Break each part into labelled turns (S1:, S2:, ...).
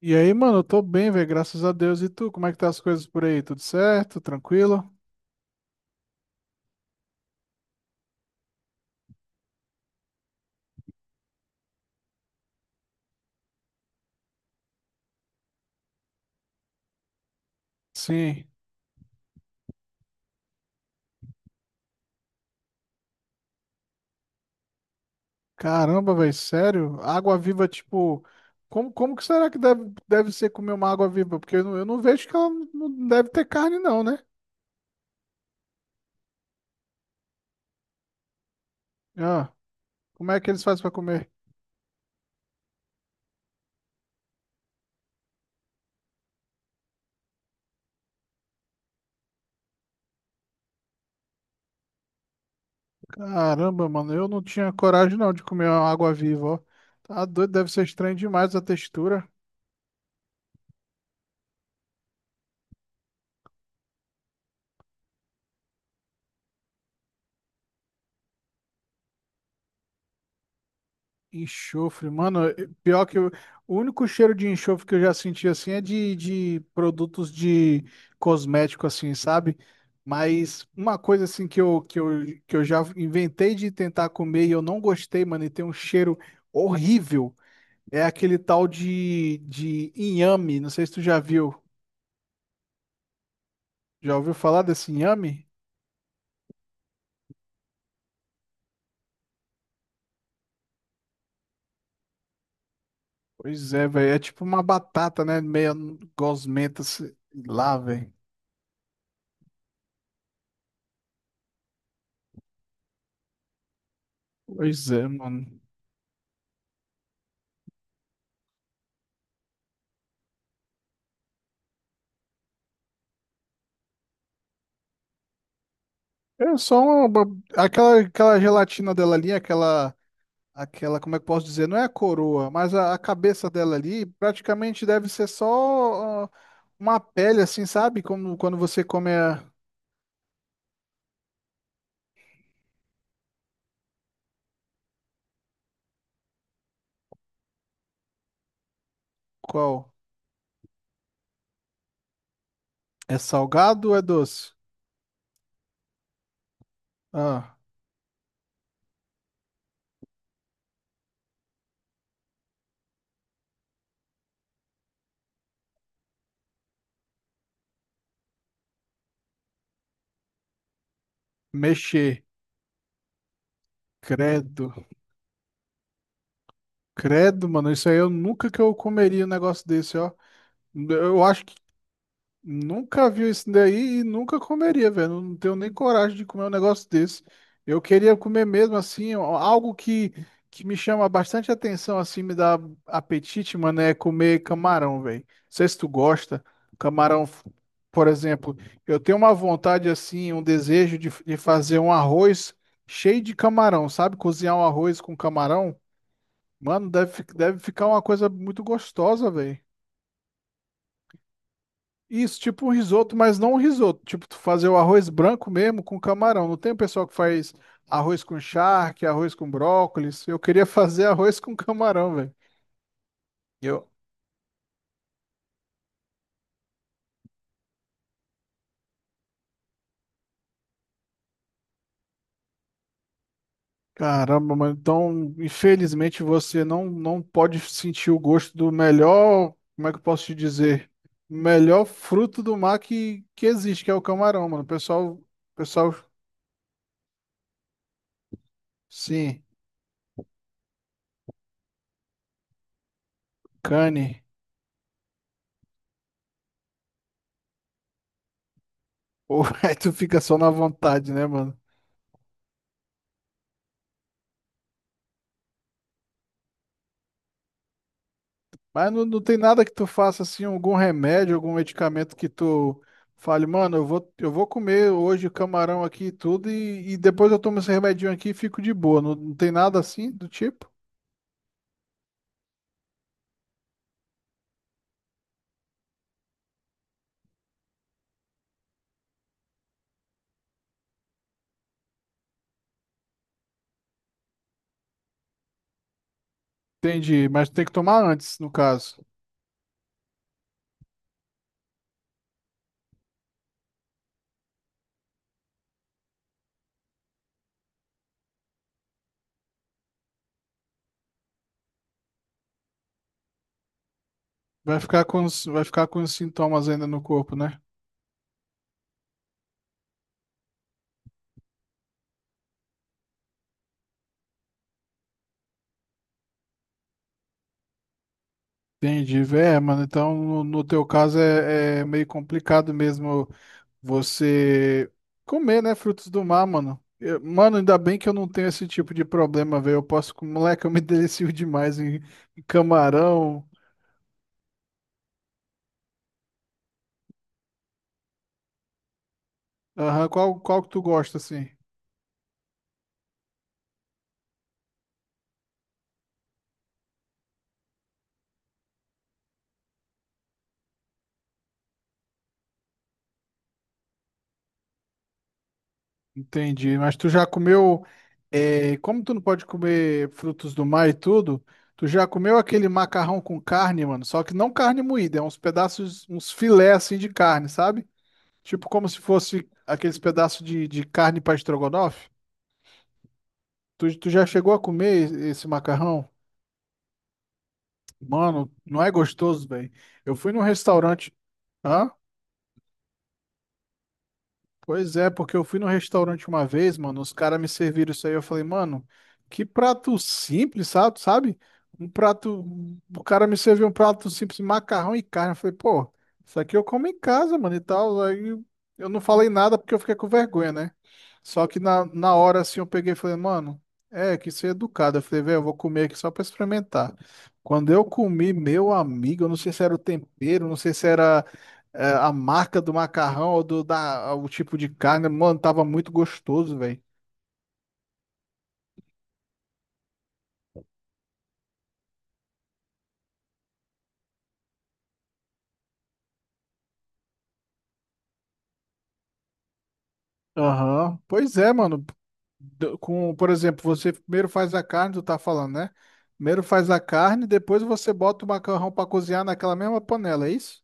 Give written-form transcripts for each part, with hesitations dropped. S1: E aí, mano, eu tô bem, velho, graças a Deus. E tu, como é que tá as coisas por aí? Tudo certo? Tranquilo? Sim. Caramba, velho, sério? Água viva, tipo, como que será que deve ser comer uma água viva? Porque eu não vejo que ela não deve ter carne, não, né? Ah, como é que eles fazem pra comer? Caramba, mano, eu não tinha coragem não de comer uma água viva, ó. Tá doido, deve ser estranho demais a textura. Enxofre, mano, pior o único cheiro de enxofre que eu já senti assim é de produtos de cosmético, assim, sabe? Mas uma coisa assim que eu já inventei de tentar comer e eu não gostei, mano, e tem um cheiro horrível, é aquele tal de inhame. Não sei se tu já viu. Já ouviu falar desse inhame? Pois é, velho. É tipo uma batata, né? Meia gosmenta, sei lá, velho. Pois é, mano. É só uma, aquela gelatina dela ali, como é que eu posso dizer? Não é a coroa, mas a cabeça dela ali praticamente deve ser só uma pele, assim, sabe? Como quando você come a, qual? É salgado ou é doce? Ah, mexer. Credo. Credo, mano. Isso aí eu nunca que eu comeria um negócio desse, ó. Eu acho nunca vi isso daí e nunca comeria, velho. Não tenho nem coragem de comer um negócio desse. Eu queria comer mesmo assim, ó, algo que me chama bastante atenção, assim, me dá apetite, mano, é comer camarão, velho. Não sei se tu gosta. Camarão, f- por exemplo, eu tenho uma vontade, assim, um desejo de fazer um arroz cheio de camarão, sabe? Cozinhar um arroz com camarão. Mano, deve ficar uma coisa muito gostosa, velho. Isso, tipo um risoto, mas não um risoto. Tipo, tu fazer o arroz branco mesmo com camarão. Não tem o pessoal que faz arroz com charque, arroz com brócolis. Eu queria fazer arroz com camarão, velho. Eu, caramba, mano. Então, infelizmente, você não, não pode sentir o gosto do melhor. Como é que eu posso te dizer? Melhor fruto do mar que existe, que é o camarão, mano. Pessoal, sim, cane. Ou aí tu fica só na vontade, né, mano? Mas não, não tem nada que tu faça assim, algum remédio, algum medicamento que tu fale, mano, eu vou comer hoje camarão aqui e tudo, e depois eu tomo esse remedinho aqui e fico de boa. Não, não tem nada assim do tipo? Entendi, mas tem que tomar antes, no caso. Vai ficar com os sintomas ainda no corpo, né? Entendi, é, mano. Então, no teu caso é, é meio complicado mesmo. Você comer, né, frutos do mar, mano. Mano, ainda bem que eu não tenho esse tipo de problema, velho. Moleque, eu me delicio demais em, em camarão. Aham. Qual que tu gosta, assim? Entendi. Mas tu já comeu, é, como tu não pode comer frutos do mar e tudo, tu já comeu aquele macarrão com carne, mano? Só que não carne moída, é uns pedaços, uns filé, assim, de carne, sabe? Tipo como se fosse aqueles pedaços de carne para estrogonofe. Tu já chegou a comer esse macarrão? Mano, não é gostoso, velho. Eu fui num restaurante. Hã? Pois é, porque eu fui no restaurante uma vez, mano, os caras me serviram isso aí, eu falei, mano, que prato simples, sabe? Sabe? Um prato, o cara me serviu um prato simples, macarrão e carne, eu falei, pô, isso aqui eu como em casa, mano, e tal, aí eu não falei nada porque eu fiquei com vergonha, né? Só que na hora, assim, eu peguei e falei, mano, é, que ser educado, eu falei, velho, eu vou comer aqui só pra experimentar. Quando eu comi, meu amigo, eu não sei se era o tempero, não sei se era a marca do macarrão ou o tipo de carne, mano, tava muito gostoso, velho. Aham. Pois é, mano. Por exemplo, você primeiro faz a carne, tu tá falando, né? Primeiro faz a carne, depois você bota o macarrão pra cozinhar naquela mesma panela, é isso?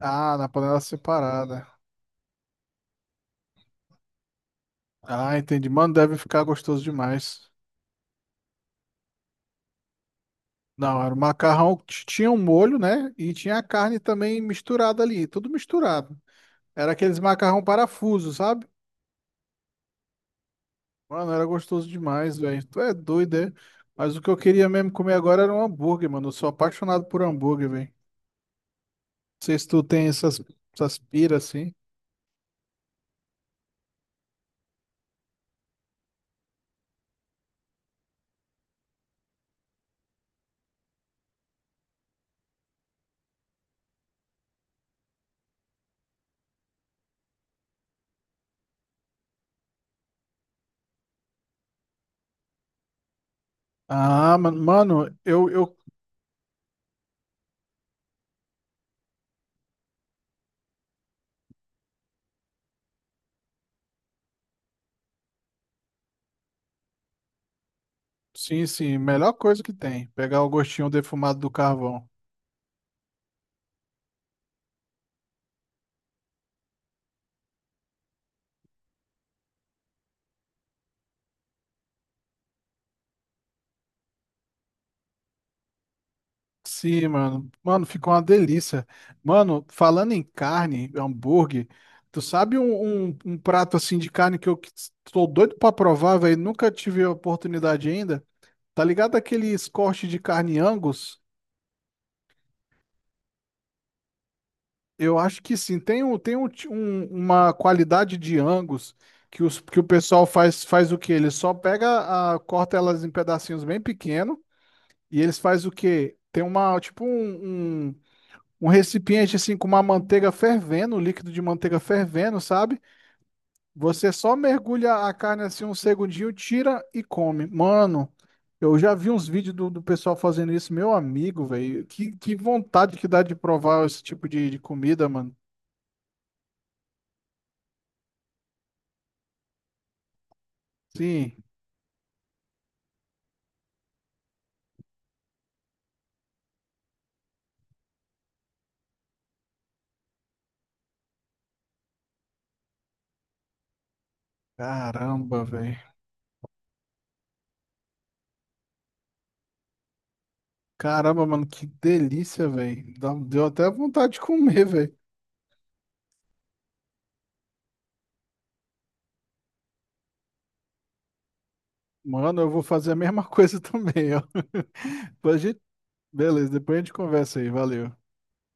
S1: Ah, na panela separada. Ah, entendi. Mano, deve ficar gostoso demais. Não, era tinha um molho, né? E tinha a carne também misturada ali, tudo misturado. Era aqueles macarrão parafuso, sabe? Mano, era gostoso demais, velho. Tu é doido, é? Mas o que eu queria mesmo comer agora era um hambúrguer, mano. Eu sou apaixonado por hambúrguer, velho. Não sei se tu tem essas, essas piras assim. Ah, mano, eu, eu. Sim, sim, melhor coisa que tem. Pegar o gostinho defumado do carvão. Sim, mano. Mano, ficou uma delícia. Mano, falando em carne, hambúrguer, tu sabe um prato assim de carne tô doido pra provar, velho? Nunca tive a oportunidade ainda? Tá ligado aqueles cortes de carne Angus? Eu acho que sim. Tem, um, tem uma qualidade de Angus que, os, que o pessoal faz, faz o quê? Ele só pega, a, corta elas em pedacinhos bem pequenos e eles faz o quê? Tem uma, um um recipiente assim com uma manteiga fervendo, um líquido de manteiga fervendo, sabe? Você só mergulha a carne assim um segundinho, tira e come. Mano, eu já vi uns vídeos do pessoal fazendo isso, meu amigo, velho. Que vontade que dá de provar esse tipo de comida, mano. Sim, caramba, velho. Caramba, mano, que delícia, velho. Deu até vontade de comer, velho. Mano, eu vou fazer a mesma coisa também, ó. Depois a gente... Beleza, depois a gente conversa aí. Valeu.